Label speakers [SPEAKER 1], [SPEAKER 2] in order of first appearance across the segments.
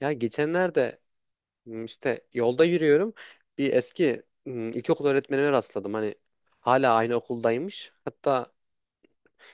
[SPEAKER 1] Ya geçenlerde işte yolda yürüyorum. Bir eski ilkokul öğretmenime rastladım. Hani hala aynı okuldaymış. Hatta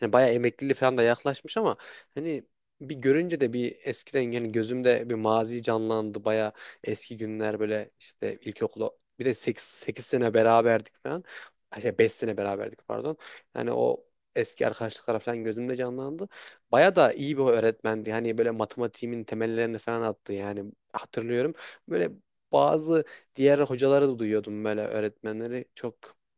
[SPEAKER 1] yani bayağı emekliliği falan da yaklaşmış ama hani bir görünce de bir eskiden yani gözümde bir mazi canlandı. Bayağı eski günler böyle işte ilkokula bir de 8 sene beraberdik falan. Ay şey, 5 sene beraberdik pardon. Yani o eski arkadaşlıklar falan gözümde canlandı. Baya da iyi bir öğretmendi. Hani böyle matematiğimin temellerini falan attı yani hatırlıyorum. Böyle bazı diğer hocaları da duyuyordum, böyle öğretmenleri çok,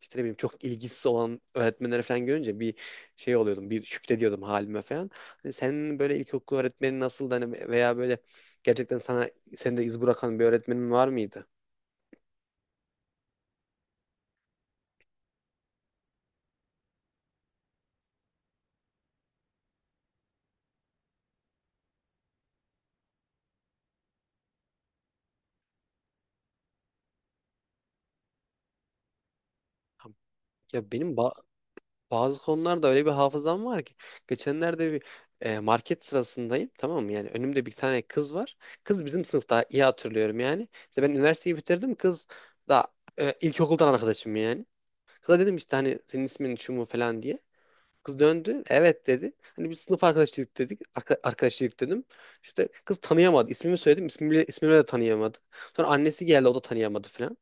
[SPEAKER 1] işte ne bileyim, çok ilgisiz olan öğretmenleri falan görünce bir şey oluyordum, bir şükrediyordum halime falan. Hani senin böyle ilkokul öğretmenin nasıldı, hani veya böyle gerçekten sana seni de iz bırakan bir öğretmenin var mıydı? Ya benim bazı konularda öyle bir hafızam var ki geçenlerde bir market sırasındayım, tamam mı? Yani önümde bir tane kız var. Kız bizim sınıfta, iyi hatırlıyorum yani. İşte ben üniversiteyi bitirdim, kız da ilkokuldan arkadaşım yani. Kıza dedim işte, hani senin ismin şu mu falan diye. Kız döndü. Evet dedi. Hani bir sınıf arkadaşlık dedik. Arkadaşlık dedim. İşte kız tanıyamadı. İsmimi söyledim. İsmimi de tanıyamadı. Sonra annesi geldi. O da tanıyamadı falan.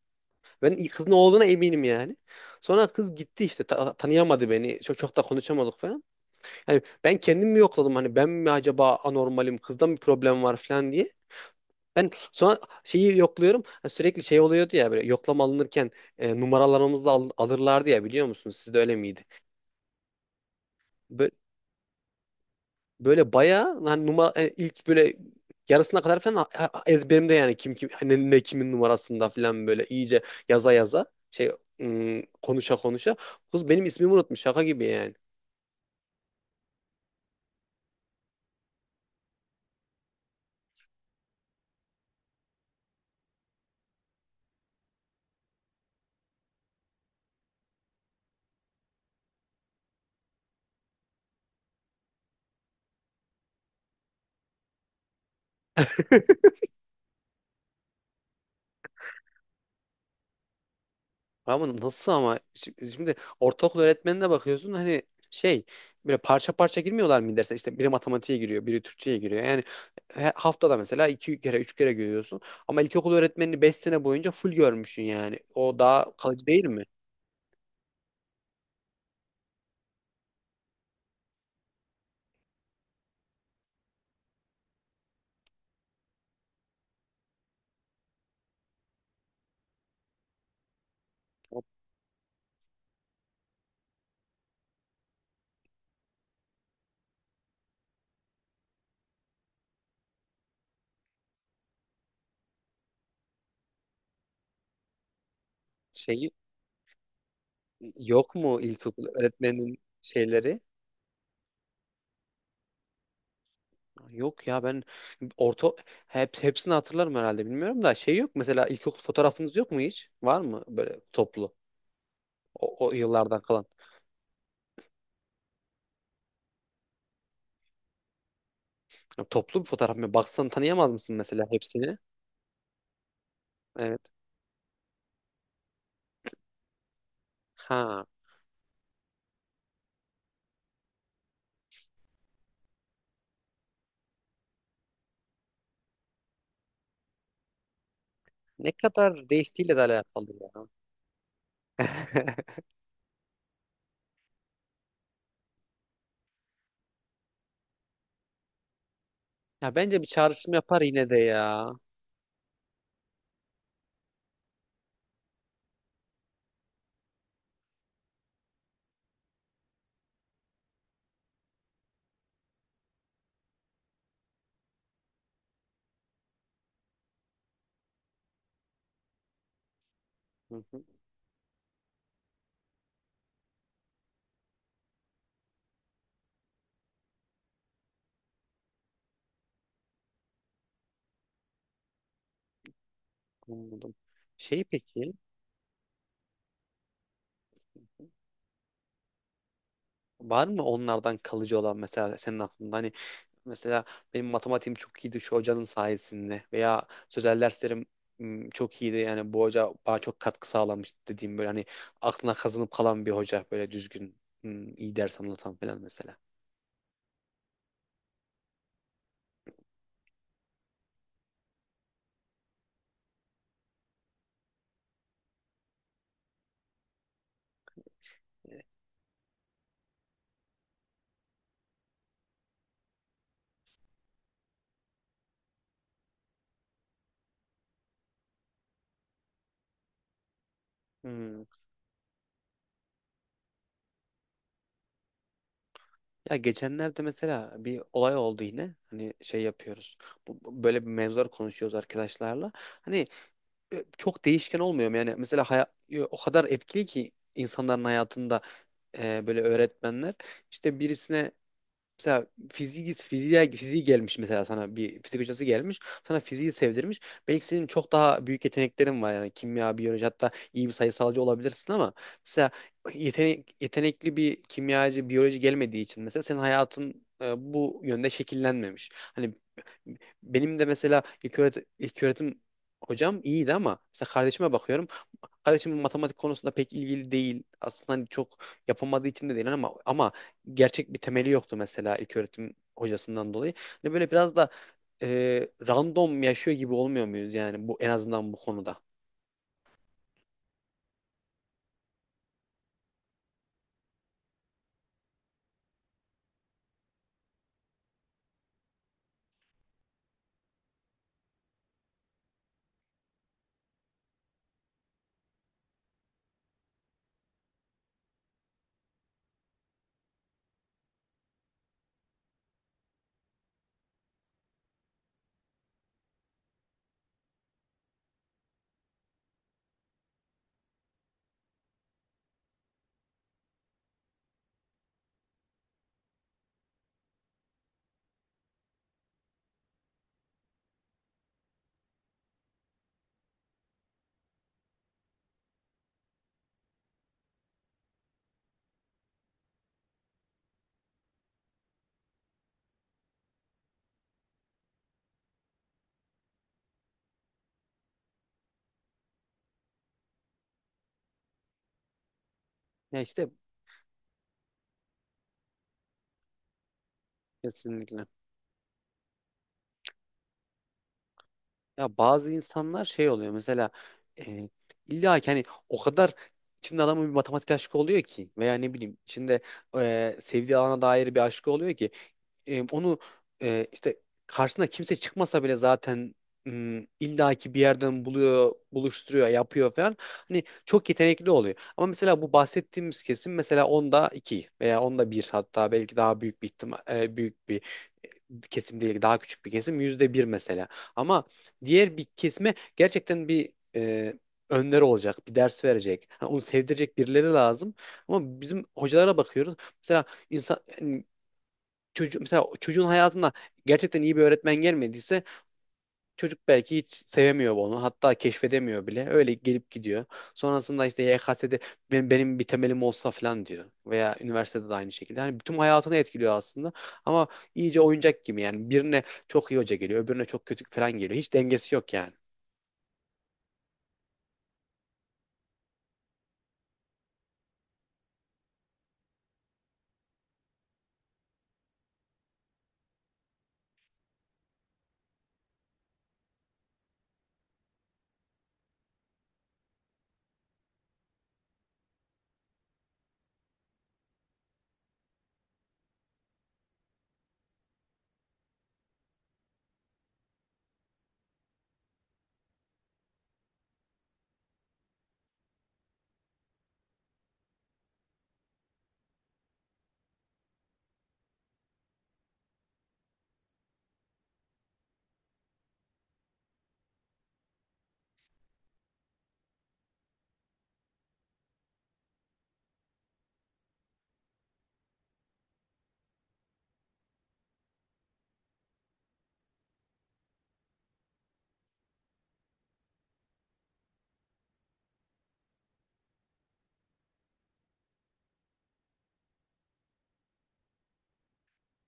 [SPEAKER 1] Ben kızın olduğuna eminim yani. Sonra kız gitti işte. Tanıyamadı beni. Çok da konuşamadık falan. Yani ben kendimi yokladım. Hani ben mi acaba anormalim? Kızda mı problem var falan diye. Ben sonra şeyi yokluyorum. Hani sürekli şey oluyordu ya, böyle yoklama alınırken numaralarımızı alırlardı ya, biliyor musunuz? Sizde öyle miydi? Böyle bayağı hani numara, hani ilk böyle yarısına kadar falan ezberimde yani, kim kim, hani ne kimin numarasında falan, böyle iyice yaza yaza şey, konuşa konuşa kız benim ismimi unutmuş, şaka gibi yani. Ama nasıl ama şimdi ortaokul öğretmenine bakıyorsun, hani şey, böyle parça parça girmiyorlar mı derse? İşte biri matematiğe giriyor, biri Türkçe'ye giriyor yani. Haftada mesela iki kere üç kere görüyorsun ama ilkokul öğretmenini beş sene boyunca full görmüşsün yani o daha kalıcı değil mi? Şey, yok mu ilkokul öğretmeninin şeyleri? Yok ya, ben orta, hepsini hatırlarım herhalde, bilmiyorum da şey, yok mesela ilkokul fotoğrafınız yok mu hiç? Var mı böyle toplu o yıllardan kalan? Ya toplu bir fotoğraf mı? Baksan tanıyamaz mısın mesela hepsini? Evet. Ha, ne kadar değiştiğiyle de alakalı ya. Ya bence bir çağrışım yapar yine de ya. Hı hı, anladım. Şey peki, var mı onlardan kalıcı olan mesela senin aklında? Hani mesela benim matematiğim çok iyiydi şu hocanın sayesinde, veya sözel derslerim çok iyiydi yani, bu hoca bana çok katkı sağlamış dediğim, böyle hani aklına kazınıp kalan bir hoca, böyle düzgün, iyi ders anlatan falan mesela. Hmm. Ya geçenlerde mesela bir olay oldu yine. Hani şey yapıyoruz. Böyle bir mevzular konuşuyoruz arkadaşlarla. Hani çok değişken olmuyor mu? Yani mesela o kadar etkili ki insanların hayatında böyle öğretmenler. İşte birisine, mesela fiziği gelmiş, mesela sana bir fizik hocası gelmiş. Sana fiziği sevdirmiş. Belki senin çok daha büyük yeteneklerin var. Yani kimya, biyoloji, hatta iyi bir sayısalcı olabilirsin ama mesela yetenekli bir kimyacı, biyoloji gelmediği için mesela senin hayatın bu yönde şekillenmemiş. Hani benim de mesela ilk öğretim hocam iyiydi ama işte kardeşime bakıyorum. Kardeşim matematik konusunda pek ilgili değil. Aslında hani çok yapamadığı için de değil ama gerçek bir temeli yoktu mesela ilk öğretim hocasından dolayı. Hani böyle biraz da random yaşıyor gibi olmuyor muyuz yani, bu en azından bu konuda? Ya işte kesinlikle. Ya bazı insanlar şey oluyor mesela, e, illa ki hani o kadar içinde adamın bir matematik aşkı oluyor ki, veya ne bileyim içinde sevdiği alana dair bir aşkı oluyor ki e, onu işte karşısına kimse çıkmasa bile zaten illa ki bir yerden buluyor, buluşturuyor, yapıyor falan. Hani çok yetenekli oluyor. Ama mesela bu bahsettiğimiz kesim, mesela onda iki veya onda bir, hatta belki daha büyük bir ihtimal, büyük bir kesim değil, daha küçük bir kesim, %1 mesela. Ama diğer bir kesime gerçekten bir önleri olacak, bir ders verecek, ha, onu sevdirecek birileri lazım. Ama bizim hocalara bakıyoruz. Mesela insan yani mesela çocuğun hayatına gerçekten iyi bir öğretmen gelmediyse, çocuk belki hiç sevemiyor onu. Hatta keşfedemiyor bile. Öyle gelip gidiyor. Sonrasında işte YKS'de benim bir temelim olsa falan diyor. Veya üniversitede de aynı şekilde. Hani bütün hayatını etkiliyor aslında. Ama iyice oyuncak gibi yani. Birine çok iyi hoca geliyor, öbürüne çok kötü falan geliyor. Hiç dengesi yok yani.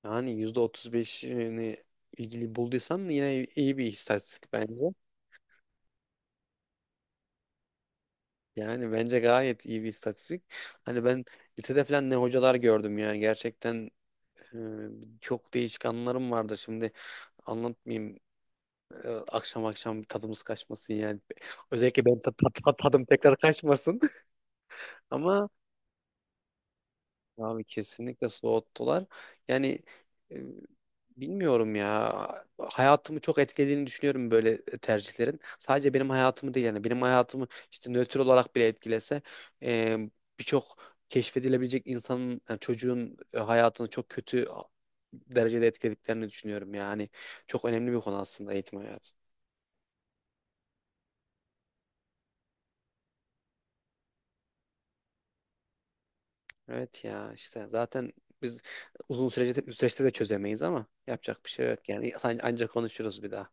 [SPEAKER 1] Yani %35'ini ilgili bulduysan yine iyi bir istatistik bence. Yani bence gayet iyi bir istatistik. Hani ben lisede falan ne hocalar gördüm yani, gerçekten e, çok değişik anılarım vardı şimdi. Anlatmayayım. Akşam akşam tadımız kaçmasın yani. Özellikle benim tadım tekrar kaçmasın. Ama abi kesinlikle soğuttular. Yani e, bilmiyorum ya. Hayatımı çok etkilediğini düşünüyorum böyle tercihlerin. Sadece benim hayatımı değil yani. Benim hayatımı işte nötr olarak bile etkilese e, birçok keşfedilebilecek insanın, yani çocuğun hayatını çok kötü derecede etkilediklerini düşünüyorum. Yani çok önemli bir konu aslında eğitim hayatı. Evet ya, işte zaten biz süreçte de çözemeyiz ama yapacak bir şey yok yani. Ancak konuşuruz bir daha.